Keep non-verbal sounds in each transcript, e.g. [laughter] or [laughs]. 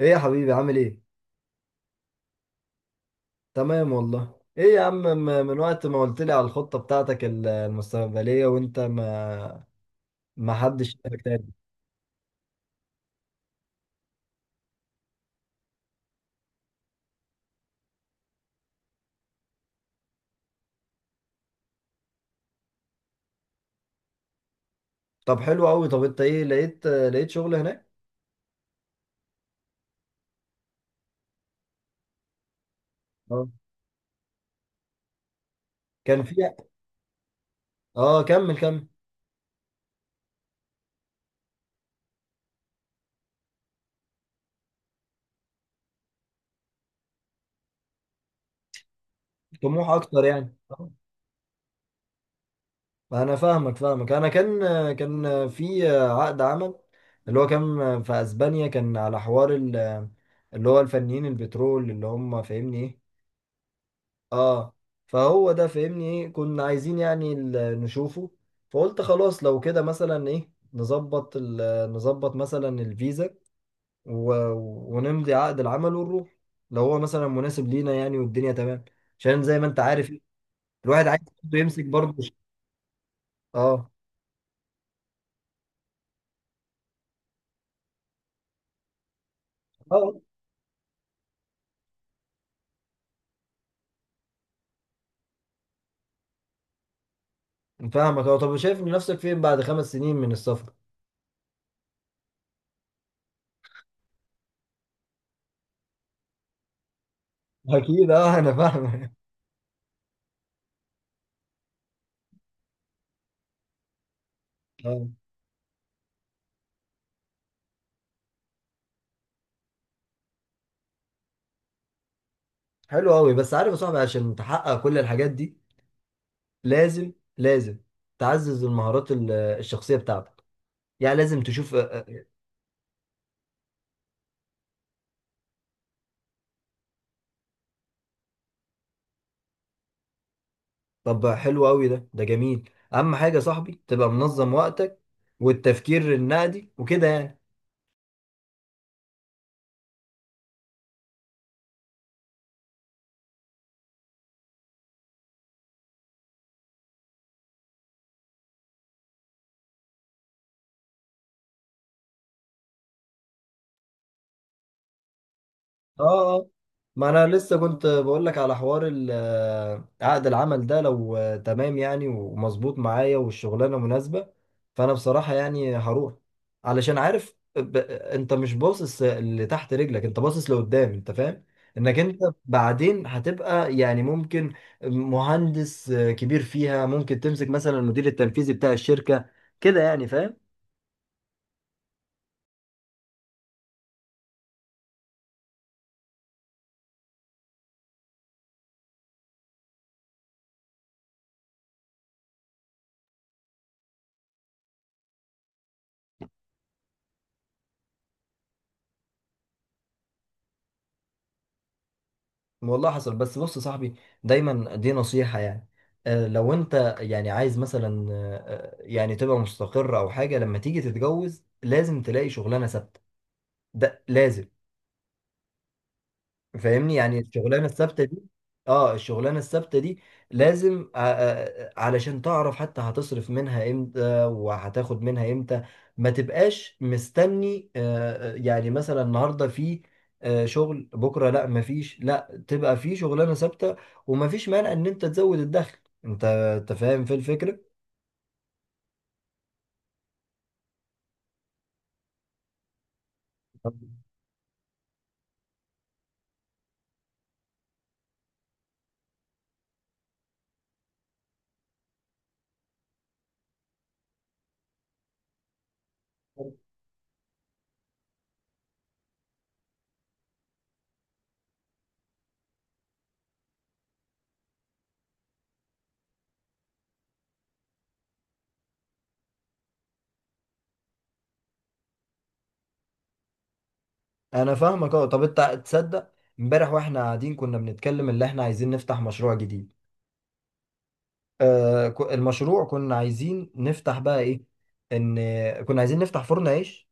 ايه يا حبيبي عامل ايه؟ تمام والله. ايه يا عم، من وقت ما قلت لي على الخطة بتاعتك المستقبلية، وانت ما حدش شافك تاني. طب حلو قوي. طب انت ايه لقيت شغل هناك؟ اه. كان في. اه كمل كمل. طموح اكتر يعني انا فاهمك. انا كان في عقد عمل، اللي هو كان في اسبانيا، كان على حوار اللي هو الفنيين البترول، اللي هم فاهمني ايه؟ اه. فهو ده فاهمني ايه كنا عايزين يعني نشوفه. فقلت خلاص لو كده مثلا ايه نظبط نظبط مثلا الفيزا، و... ونمضي عقد العمل ونروح، لو هو مثلا مناسب لينا يعني والدنيا تمام. عشان زي ما انت عارف الواحد عايز برضه يمسك برضه اه. اه فاهمك. اه طب شايف نفسك فين بعد 5 سنين من السفر؟ [laughs] اكيد اه انا فاهمك. اه حلو قوي. بس عارف يا صاحبي، عشان تحقق كل الحاجات دي لازم لازم تعزز المهارات الشخصيه بتاعتك. يعني لازم تشوف طب حلو قوي. ده جميل. اهم حاجه يا صاحبي تبقى منظم وقتك والتفكير النقدي وكده يعني. اه اه. ما انا لسه كنت بقول لك على حوار عقد العمل ده، لو تمام يعني ومظبوط معايا والشغلانه مناسبه، فانا بصراحه يعني هروح، علشان عارف انت مش باصص اللي تحت رجلك، انت باصص لقدام. انت فاهم انك انت بعدين هتبقى يعني ممكن مهندس كبير فيها، ممكن تمسك مثلا المدير التنفيذي بتاع الشركه، كده يعني فاهم. والله حصل. بس بص يا صاحبي، دايما دي نصيحة يعني. لو انت يعني عايز مثلا يعني تبقى مستقر او حاجة، لما تيجي تتجوز لازم تلاقي شغلانة ثابتة. ده لازم. فاهمني؟ يعني الشغلانه الثابته دي، اه الشغلانه الثابته دي لازم علشان تعرف حتى هتصرف منها امتى وهتاخد منها امتى. ما تبقاش مستني يعني مثلا النهارده في شغل بكره لا مفيش، لا تبقى في شغلانه ثابته. ومفيش مانع ان انت تزود الدخل. انت فاهم في الفكره. انا فاهمك. اه طب انت تصدق، امبارح واحنا قاعدين كنا بنتكلم اللي احنا عايزين نفتح مشروع جديد. المشروع كنا عايزين نفتح بقى ايه، ان كنا عايزين نفتح فرن عيش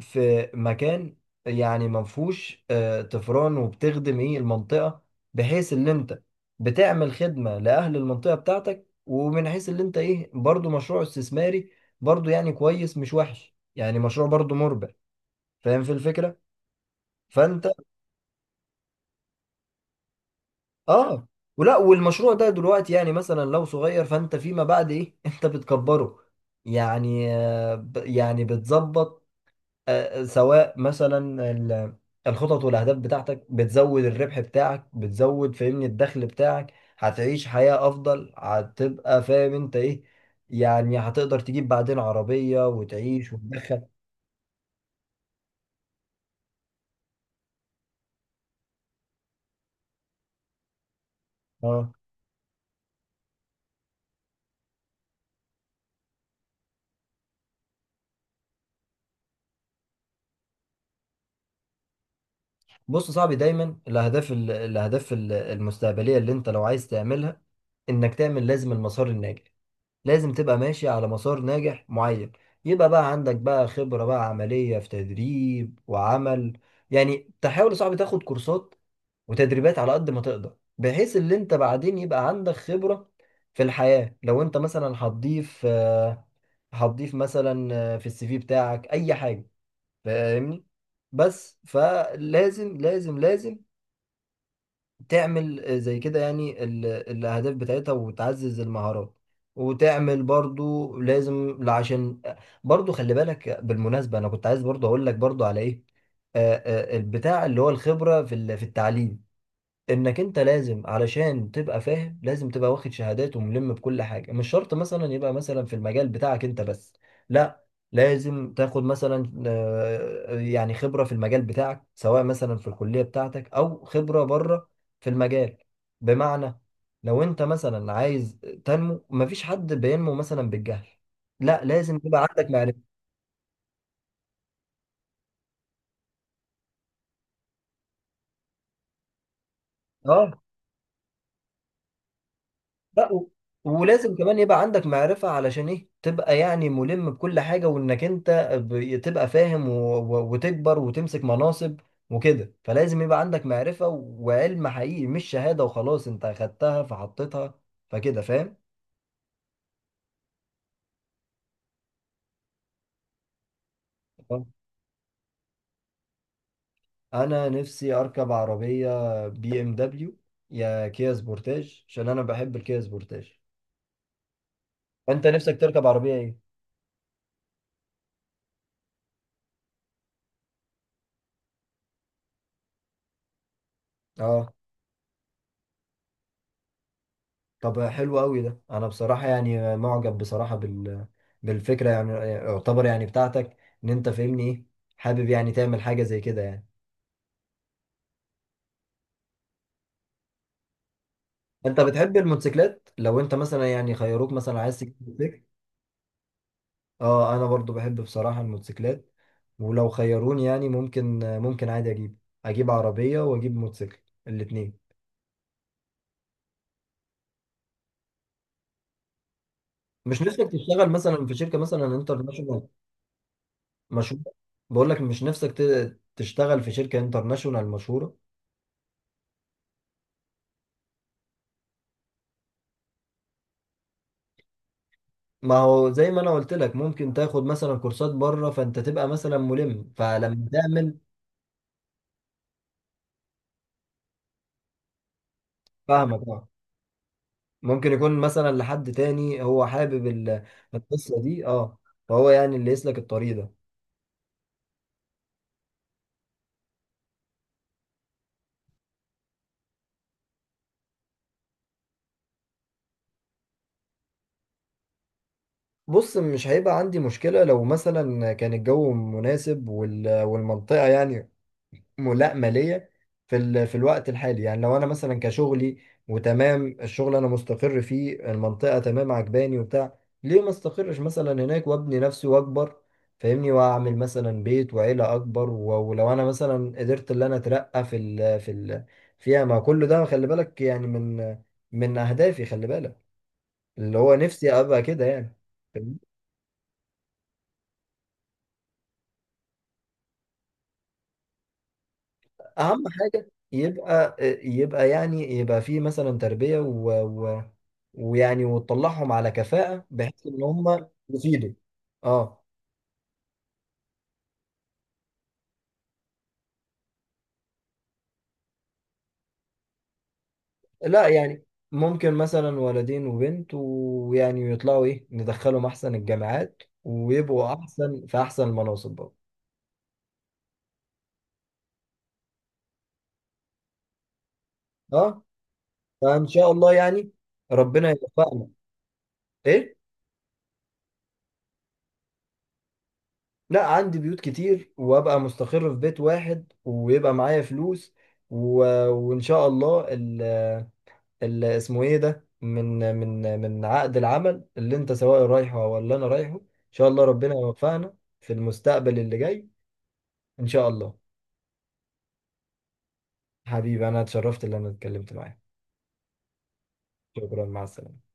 في مكان، يعني ما فيهوش طفران، وبتخدم ايه المنطقة، بحيث ان انت بتعمل خدمة لأهل المنطقة بتاعتك، ومن حيث ان انت ايه برضو مشروع استثماري، برضو يعني كويس مش وحش يعني مشروع برضو مربح. فاهم في الفكرة؟ فانت اه. ولا والمشروع ده دلوقتي يعني مثلا لو صغير، فانت فيما بعد ايه [laughs] انت بتكبره يعني. يعني بتظبط سواء مثلا الخطط والاهداف بتاعتك، بتزود الربح بتاعك، بتزود فاهمني الدخل بتاعك، هتعيش حياة افضل. هتبقى فاهم انت ايه يعني، هتقدر تجيب بعدين عربية وتعيش وتدخل. اه. بص يا صاحبي، دايما الاهداف المستقبلية، اللي انت لو عايز تعملها، انك تعمل لازم المسار الناجح، لازم تبقى ماشي على مسار ناجح معين، يبقى بقى عندك بقى خبرة بقى عملية في تدريب وعمل. يعني تحاول يا صاحبي تاخد كورسات وتدريبات على قد ما تقدر، بحيث اللي انت بعدين يبقى عندك خبرة في الحياة. لو انت مثلا هتضيف مثلا في السي في بتاعك اي حاجة، فاهمني؟ بس فلازم لازم تعمل زي كده يعني الأهداف بتاعتها وتعزز المهارات. وتعمل برضو لازم عشان برضو، خلي بالك بالمناسبة، أنا كنت عايز برضو أقول لك برضو على إيه، البتاع اللي هو الخبرة في التعليم، انك انت لازم علشان تبقى فاهم، لازم تبقى واخد شهادات وملم بكل حاجه، مش شرط مثلا يبقى مثلا في المجال بتاعك انت بس، لا لازم تاخد مثلا يعني خبره في المجال بتاعك، سواء مثلا في الكليه بتاعتك او خبره بره في المجال، بمعنى لو انت مثلا عايز تنمو، مفيش حد بينمو مثلا بالجهل، لا لازم يبقى عندك معرفه. اه. لا ولازم كمان يبقى عندك معرفة، علشان ايه؟ تبقى يعني ملم بكل حاجة، وانك انت تبقى فاهم وتكبر وتمسك مناصب وكده. فلازم يبقى عندك معرفة وعلم حقيقي، مش شهادة وخلاص انت اخدتها فحطيتها، فكده فاهم. آه. انا نفسي اركب عربية BMW، يا كيا سبورتاج، عشان انا بحب الكيا سبورتاج. فانت نفسك تركب عربية ايه؟ اه. طب حلو قوي. ده انا بصراحه يعني معجب بصراحه بالفكره يعني، يعتبر يعني بتاعتك، ان انت فاهمني ايه، حابب يعني تعمل حاجه زي كده يعني. انت بتحب الموتوسيكلات؟ لو انت مثلا يعني خيروك مثلا عايز تجيب موتوسيكل؟ اه. انا برضو بحب بصراحه الموتوسيكلات، ولو خيروني يعني ممكن، ممكن عادي اجيب عربيه واجيب موتوسيكل الاثنين. مش نفسك تشتغل مثلا في شركه مثلا انترناشونال مشهوره؟ بقول لك مش نفسك تشتغل في شركه انترناشونال مشهوره؟ ما هو زي ما انا قلت لك ممكن تاخد مثلا كورسات بره، فانت تبقى مثلا ملم، فلما تعمل. فاهمك اه. ممكن يكون مثلا لحد تاني هو حابب القصه دي. اه فهو يعني اللي يسلك الطريق ده. بص مش هيبقى عندي مشكله، لو مثلا كان الجو مناسب والمنطقه يعني ملائمة ليا في الوقت الحالي. يعني لو انا مثلا كشغلي وتمام الشغل انا مستقر فيه، المنطقة تمام عجباني وبتاع، ليه ما استقرش مثلا هناك وابني نفسي واكبر، فاهمني، واعمل مثلا بيت وعيلة اكبر، ولو انا مثلا قدرت ان انا اترقى فيها، ما كل ده خلي بالك يعني من اهدافي، خلي بالك، اللي هو نفسي ابقى كده يعني. فاهمني؟ اهم حاجة يبقى، يبقى يعني يبقى فيه مثلا تربية ويعني وتطلعهم على كفاءة بحيث ان هم يفيدوا. اه. لا يعني ممكن مثلا ولدين وبنت، ويعني يطلعوا ايه ندخلهم احسن الجامعات ويبقوا احسن في احسن المناصب برضه. اه. فان شاء الله يعني ربنا يوفقنا. ايه؟ لا عندي بيوت كتير، وابقى مستقر في بيت واحد ويبقى معايا فلوس، و... وان شاء الله اسمه ايه ده، من عقد العمل اللي انت سواء رايحه ولا انا رايحه، ان شاء الله ربنا يوفقنا في المستقبل اللي جاي ان شاء الله. حبيبي انا اتشرفت ان انا اتكلمت معاك. شكرا مع السلامه.